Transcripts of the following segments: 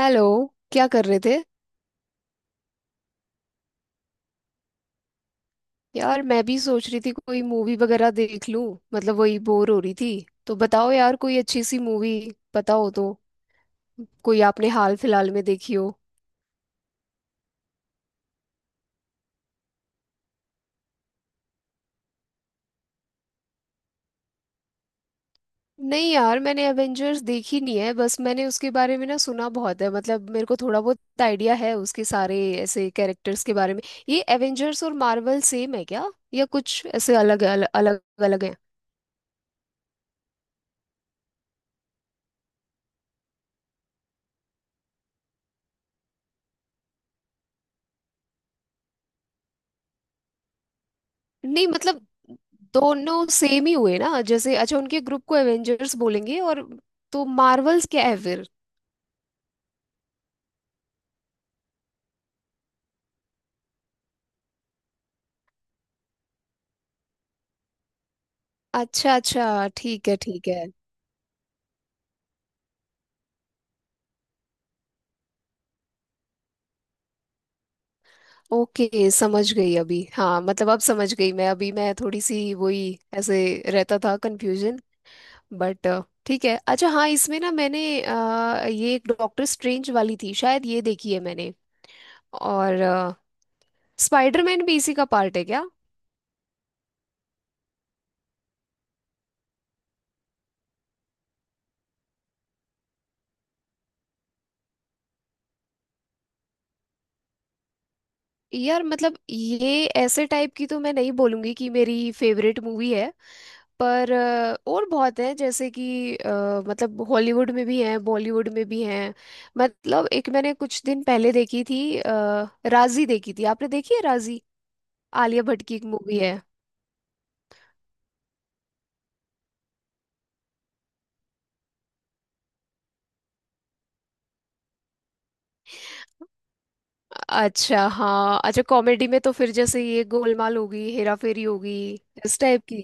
Hello. क्या कर रहे थे। यार मैं भी सोच रही थी कोई मूवी वगैरह देख लूं। मतलब वही बोर हो रही थी। तो बताओ यार कोई अच्छी सी मूवी पता हो तो। कोई आपने हाल फिलहाल में देखी हो। नहीं यार, मैंने एवेंजर्स देखी नहीं है। बस मैंने उसके बारे में ना सुना बहुत है, मतलब मेरे को थोड़ा बहुत आइडिया है उसके सारे ऐसे कैरेक्टर्स के बारे में। ये एवेंजर्स और मार्वल सेम है क्या, या कुछ ऐसे अलग अलग है। नहीं मतलब दोनों सेम ही हुए ना, जैसे अच्छा उनके ग्रुप को एवेंजर्स बोलेंगे, और तो मार्वल्स क्या है फिर। अच्छा अच्छा, ठीक है ठीक है। ओके, समझ गई अभी। हाँ मतलब अब समझ गई मैं, अभी मैं थोड़ी सी वही ऐसे रहता था कंफ्यूजन। बट ठीक है। अच्छा हाँ, इसमें ना मैंने ये एक डॉक्टर स्ट्रेंज वाली थी, शायद ये देखी है मैंने। और स्पाइडरमैन भी इसी का पार्ट है क्या। यार मतलब ये ऐसे टाइप की तो मैं नहीं बोलूंगी कि मेरी फेवरेट मूवी है। पर और बहुत है, जैसे कि मतलब हॉलीवुड में भी हैं, बॉलीवुड में भी हैं। मतलब एक मैंने कुछ दिन पहले देखी थी राजी। देखी थी आपने, देखी है राजी? आलिया भट्ट की एक मूवी है। अच्छा हाँ, अच्छा कॉमेडी में तो फिर जैसे ये गोलमाल होगी, हेरा फेरी होगी, इस टाइप की।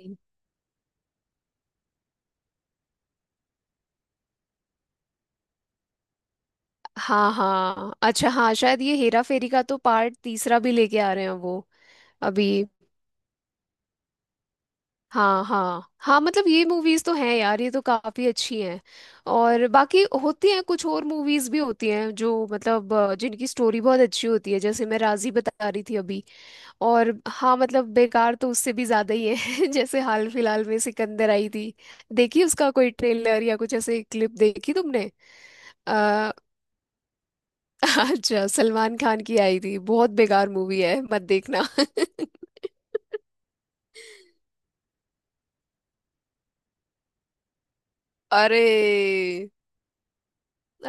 हाँ हाँ, अच्छा हाँ, शायद ये हेरा फेरी का तो पार्ट तीसरा भी लेके आ रहे हैं वो अभी। हाँ हाँ हाँ, मतलब ये मूवीज तो हैं यार, ये तो काफी अच्छी हैं। और बाकी होती हैं, कुछ और मूवीज भी होती हैं जो मतलब जिनकी स्टोरी बहुत अच्छी होती है, जैसे मैं राजी बता रही थी अभी। और हाँ मतलब बेकार तो उससे भी ज्यादा ही है। जैसे हाल फिलहाल में सिकंदर आई थी। देखी उसका कोई ट्रेलर या कुछ ऐसे क्लिप देखी तुमने? आ, अच्छा, सलमान खान की आई थी, बहुत बेकार मूवी है, मत देखना। अरे,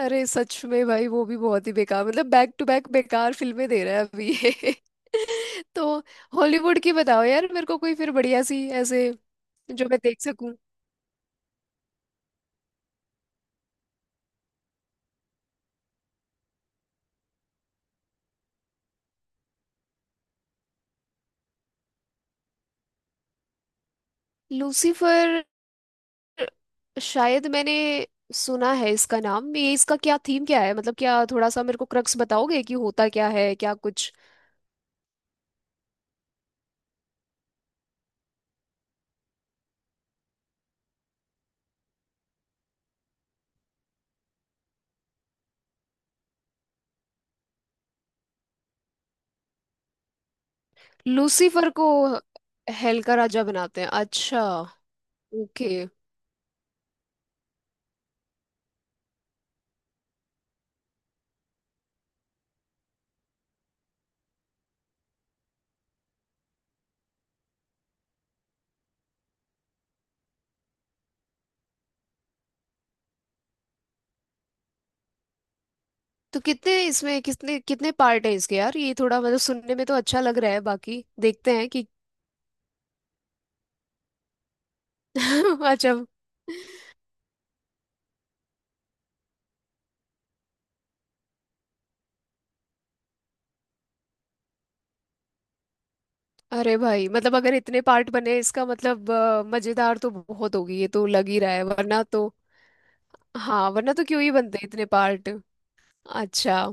अरे सच में भाई, वो भी बहुत ही बेकार। मतलब बैक टू बैक बेकार फिल्में दे रहा है अभी ये। तो हॉलीवुड की बताओ यार मेरे को कोई फिर बढ़िया सी ऐसे जो मैं देख सकूं। लूसीफर? शायद मैंने सुना है इसका नाम। ये इसका क्या थीम क्या है, मतलब क्या, थोड़ा सा मेरे को क्रक्स बताओगे कि होता क्या है, क्या कुछ? लूसीफर को हेल का राजा बनाते हैं, अच्छा। ओके। तो कितने इसमें कितने कितने पार्ट हैं इसके यार, ये थोड़ा मतलब सुनने में तो अच्छा लग रहा है, बाकी देखते हैं कि। अच्छा। अरे भाई, मतलब अगर इतने पार्ट बने, इसका मतलब मजेदार तो बहुत होगी ये, तो लग ही रहा है, वरना तो। हाँ, वरना तो क्यों ही बनते इतने पार्ट। अच्छा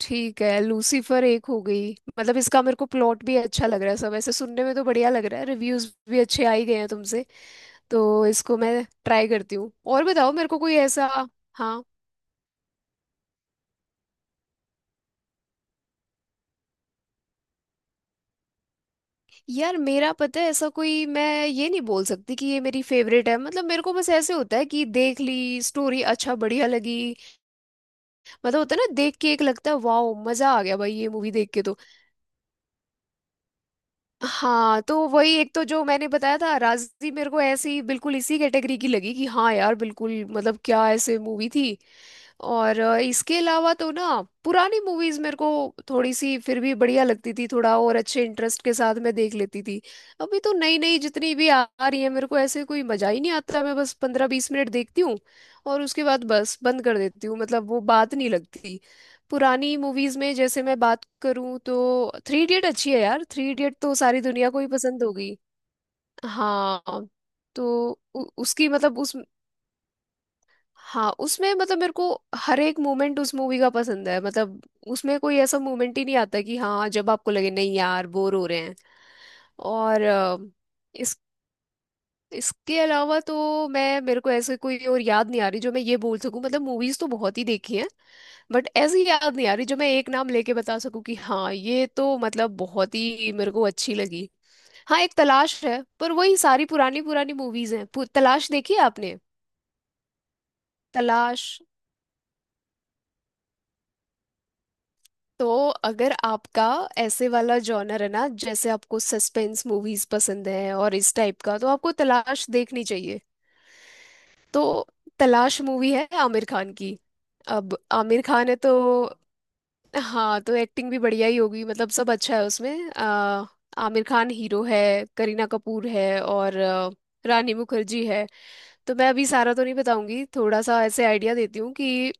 ठीक है, लूसीफर एक हो गई। मतलब इसका मेरे को प्लॉट भी अच्छा लग रहा है, सब ऐसे सुनने में तो बढ़िया लग रहा है, रिव्यूज भी अच्छे आ ही गए हैं तुमसे। तो इसको मैं ट्राई करती हूँ, और बताओ मेरे को कोई ऐसा। हाँ। यार मेरा, पता है, ऐसा कोई मैं ये नहीं बोल सकती कि ये मेरी फेवरेट है। मतलब मेरे को बस ऐसे होता है कि देख ली स्टोरी अच्छा बढ़िया लगी। मतलब होता है ना देख के, एक लगता है वाओ मजा आ गया भाई ये मूवी देख के तो। हाँ, तो वही एक तो जो मैंने बताया था राजी, मेरे को ऐसे ही बिल्कुल इसी कैटेगरी की लगी, कि हाँ यार बिल्कुल मतलब क्या ऐसे मूवी थी। और इसके अलावा तो ना, पुरानी मूवीज मेरे को थोड़ी सी फिर भी बढ़िया लगती थी, थोड़ा और अच्छे इंटरेस्ट के साथ मैं देख लेती थी। अभी तो नई नई जितनी भी आ आ रही है, मेरे को ऐसे कोई मजा ही नहीं आता। मैं बस पंद्रह बीस मिनट देखती हूँ और उसके बाद बस बंद कर देती हूँ, मतलब वो बात नहीं लगती। पुरानी मूवीज में जैसे मैं बात करूं तो थ्री इडियट अच्छी है यार, थ्री इडियट तो सारी दुनिया को ही पसंद होगी। हाँ। तो उसकी मतलब उस, हाँ उसमें मतलब मेरे को हर एक मोमेंट उस मूवी का पसंद है। मतलब उसमें कोई ऐसा मोमेंट ही नहीं आता कि हाँ, जब आपको लगे नहीं यार बोर हो रहे हैं। और अ, इसके अलावा तो मैं, मेरे को ऐसे कोई और याद नहीं आ रही जो मैं ये बोल सकूं, मतलब मूवीज तो बहुत ही देखी हैं, बट ऐसी याद नहीं आ रही जो मैं एक नाम लेके बता सकूं कि हाँ ये तो मतलब बहुत ही मेरे को अच्छी लगी। हाँ एक तलाश है, पर वही सारी पुरानी पुरानी मूवीज हैं। तलाश देखी है आपने? तलाश। तो अगर आपका ऐसे वाला जॉनर है ना, जैसे आपको सस्पेंस मूवीज पसंद है और इस टाइप का, तो आपको तलाश देखनी चाहिए। तो तलाश मूवी है आमिर खान की। अब आमिर खान है तो, हाँ तो एक्टिंग भी बढ़िया ही होगी, मतलब सब अच्छा है उसमें। आमिर खान हीरो है, करीना कपूर है और रानी मुखर्जी है। तो मैं अभी सारा तो नहीं बताऊंगी, थोड़ा सा ऐसे आइडिया देती हूँ कि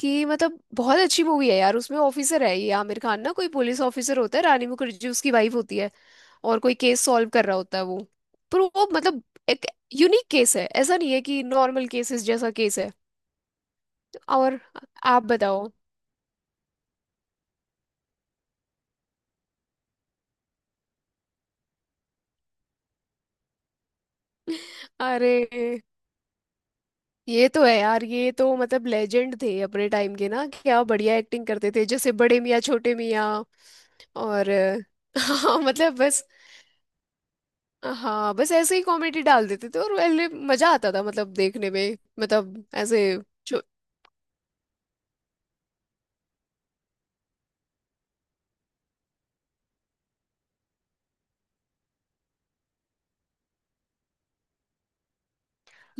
कि मतलब बहुत अच्छी मूवी है यार। उसमें ऑफिसर है ये आमिर खान ना, कोई पुलिस ऑफिसर होता है, रानी मुखर्जी उसकी वाइफ होती है। और कोई केस सॉल्व कर रहा होता है वो, पर वो मतलब एक यूनिक केस है, ऐसा नहीं है कि नॉर्मल केसेस जैसा केस है। और आप बताओ। अरे ये तो है यार, ये तो मतलब लेजेंड थे अपने टाइम के ना, क्या बढ़िया एक्टिंग करते थे, जैसे बड़े मियाँ छोटे मियाँ। और हाँ मतलब बस, हाँ बस ऐसे ही कॉमेडी डाल देते थे और पहले मजा आता था, मतलब देखने में, मतलब ऐसे जो।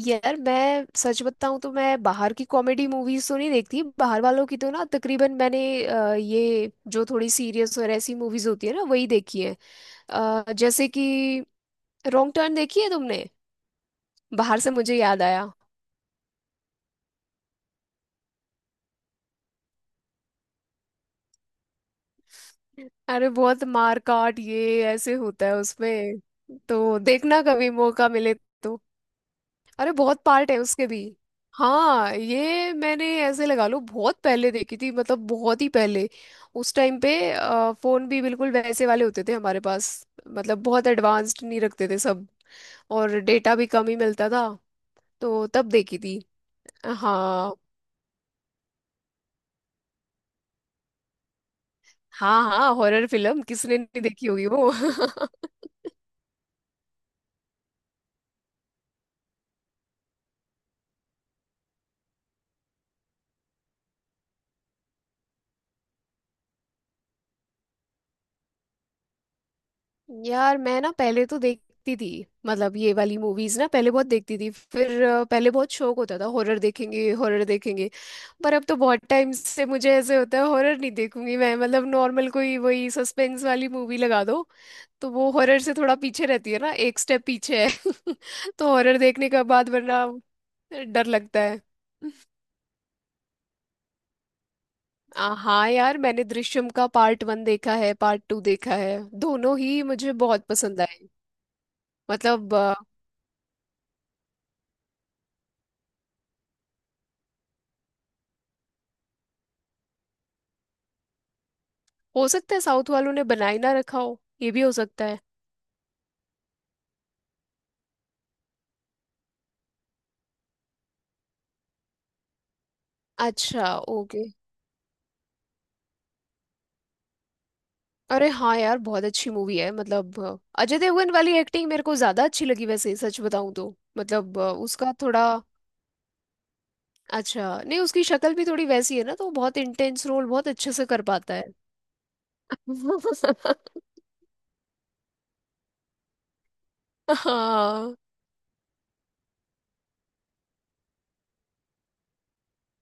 यार मैं सच बताऊं तो मैं बाहर की कॉमेडी मूवीज तो नहीं देखती, बाहर वालों की तो ना तकरीबन, मैंने ये जो थोड़ी सीरियस और ऐसी मूवीज होती है ना, वही देखी है। जैसे कि रॉन्ग टर्न देखी है तुमने? बाहर से मुझे याद आया। अरे बहुत मार काट ये ऐसे होता है उसमें। तो देखना कभी मौका मिले तो। अरे बहुत पार्ट है उसके भी। हाँ ये मैंने ऐसे लगा लो बहुत पहले देखी थी, मतलब बहुत ही पहले। उस टाइम पे फोन भी बिल्कुल वैसे वाले होते थे हमारे पास, मतलब बहुत एडवांस्ड नहीं रखते थे सब, और डेटा भी कम ही मिलता था। तो तब देखी थी। हाँ हाँ हाँ, हॉरर फिल्म किसने नहीं देखी होगी वो। यार मैं ना पहले तो देखती थी, मतलब ये वाली मूवीज ना पहले बहुत देखती थी, फिर पहले बहुत शौक होता था हॉरर देखेंगे हॉरर देखेंगे। पर अब तो बहुत टाइम से मुझे ऐसे होता है हॉरर नहीं देखूंगी मैं, मतलब नॉर्मल कोई वही सस्पेंस वाली मूवी लगा दो, तो वो हॉरर से थोड़ा पीछे रहती है ना, एक स्टेप पीछे है। तो हॉरर देखने के बाद वरना डर लगता है। हाँ यार, मैंने दृश्यम का पार्ट वन देखा है, पार्ट टू देखा है, दोनों ही मुझे बहुत पसंद आए। मतलब हो सकता है साउथ वालों ने बनाई ना रखा हो, ये भी हो सकता है। अच्छा ओके। अरे हाँ यार, बहुत अच्छी मूवी है, मतलब अजय देवगन वाली एक्टिंग मेरे को ज्यादा अच्छी लगी वैसे, सच बताऊं तो। मतलब उसका थोड़ा, अच्छा नहीं उसकी शक्ल भी थोड़ी वैसी है ना, तो वो बहुत इंटेंस रोल बहुत अच्छे से कर पाता है। हाँ।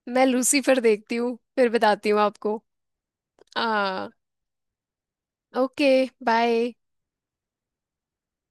मैं लूसीफर देखती हूँ फिर बताती हूँ आपको। हाँ। ओके। बाय।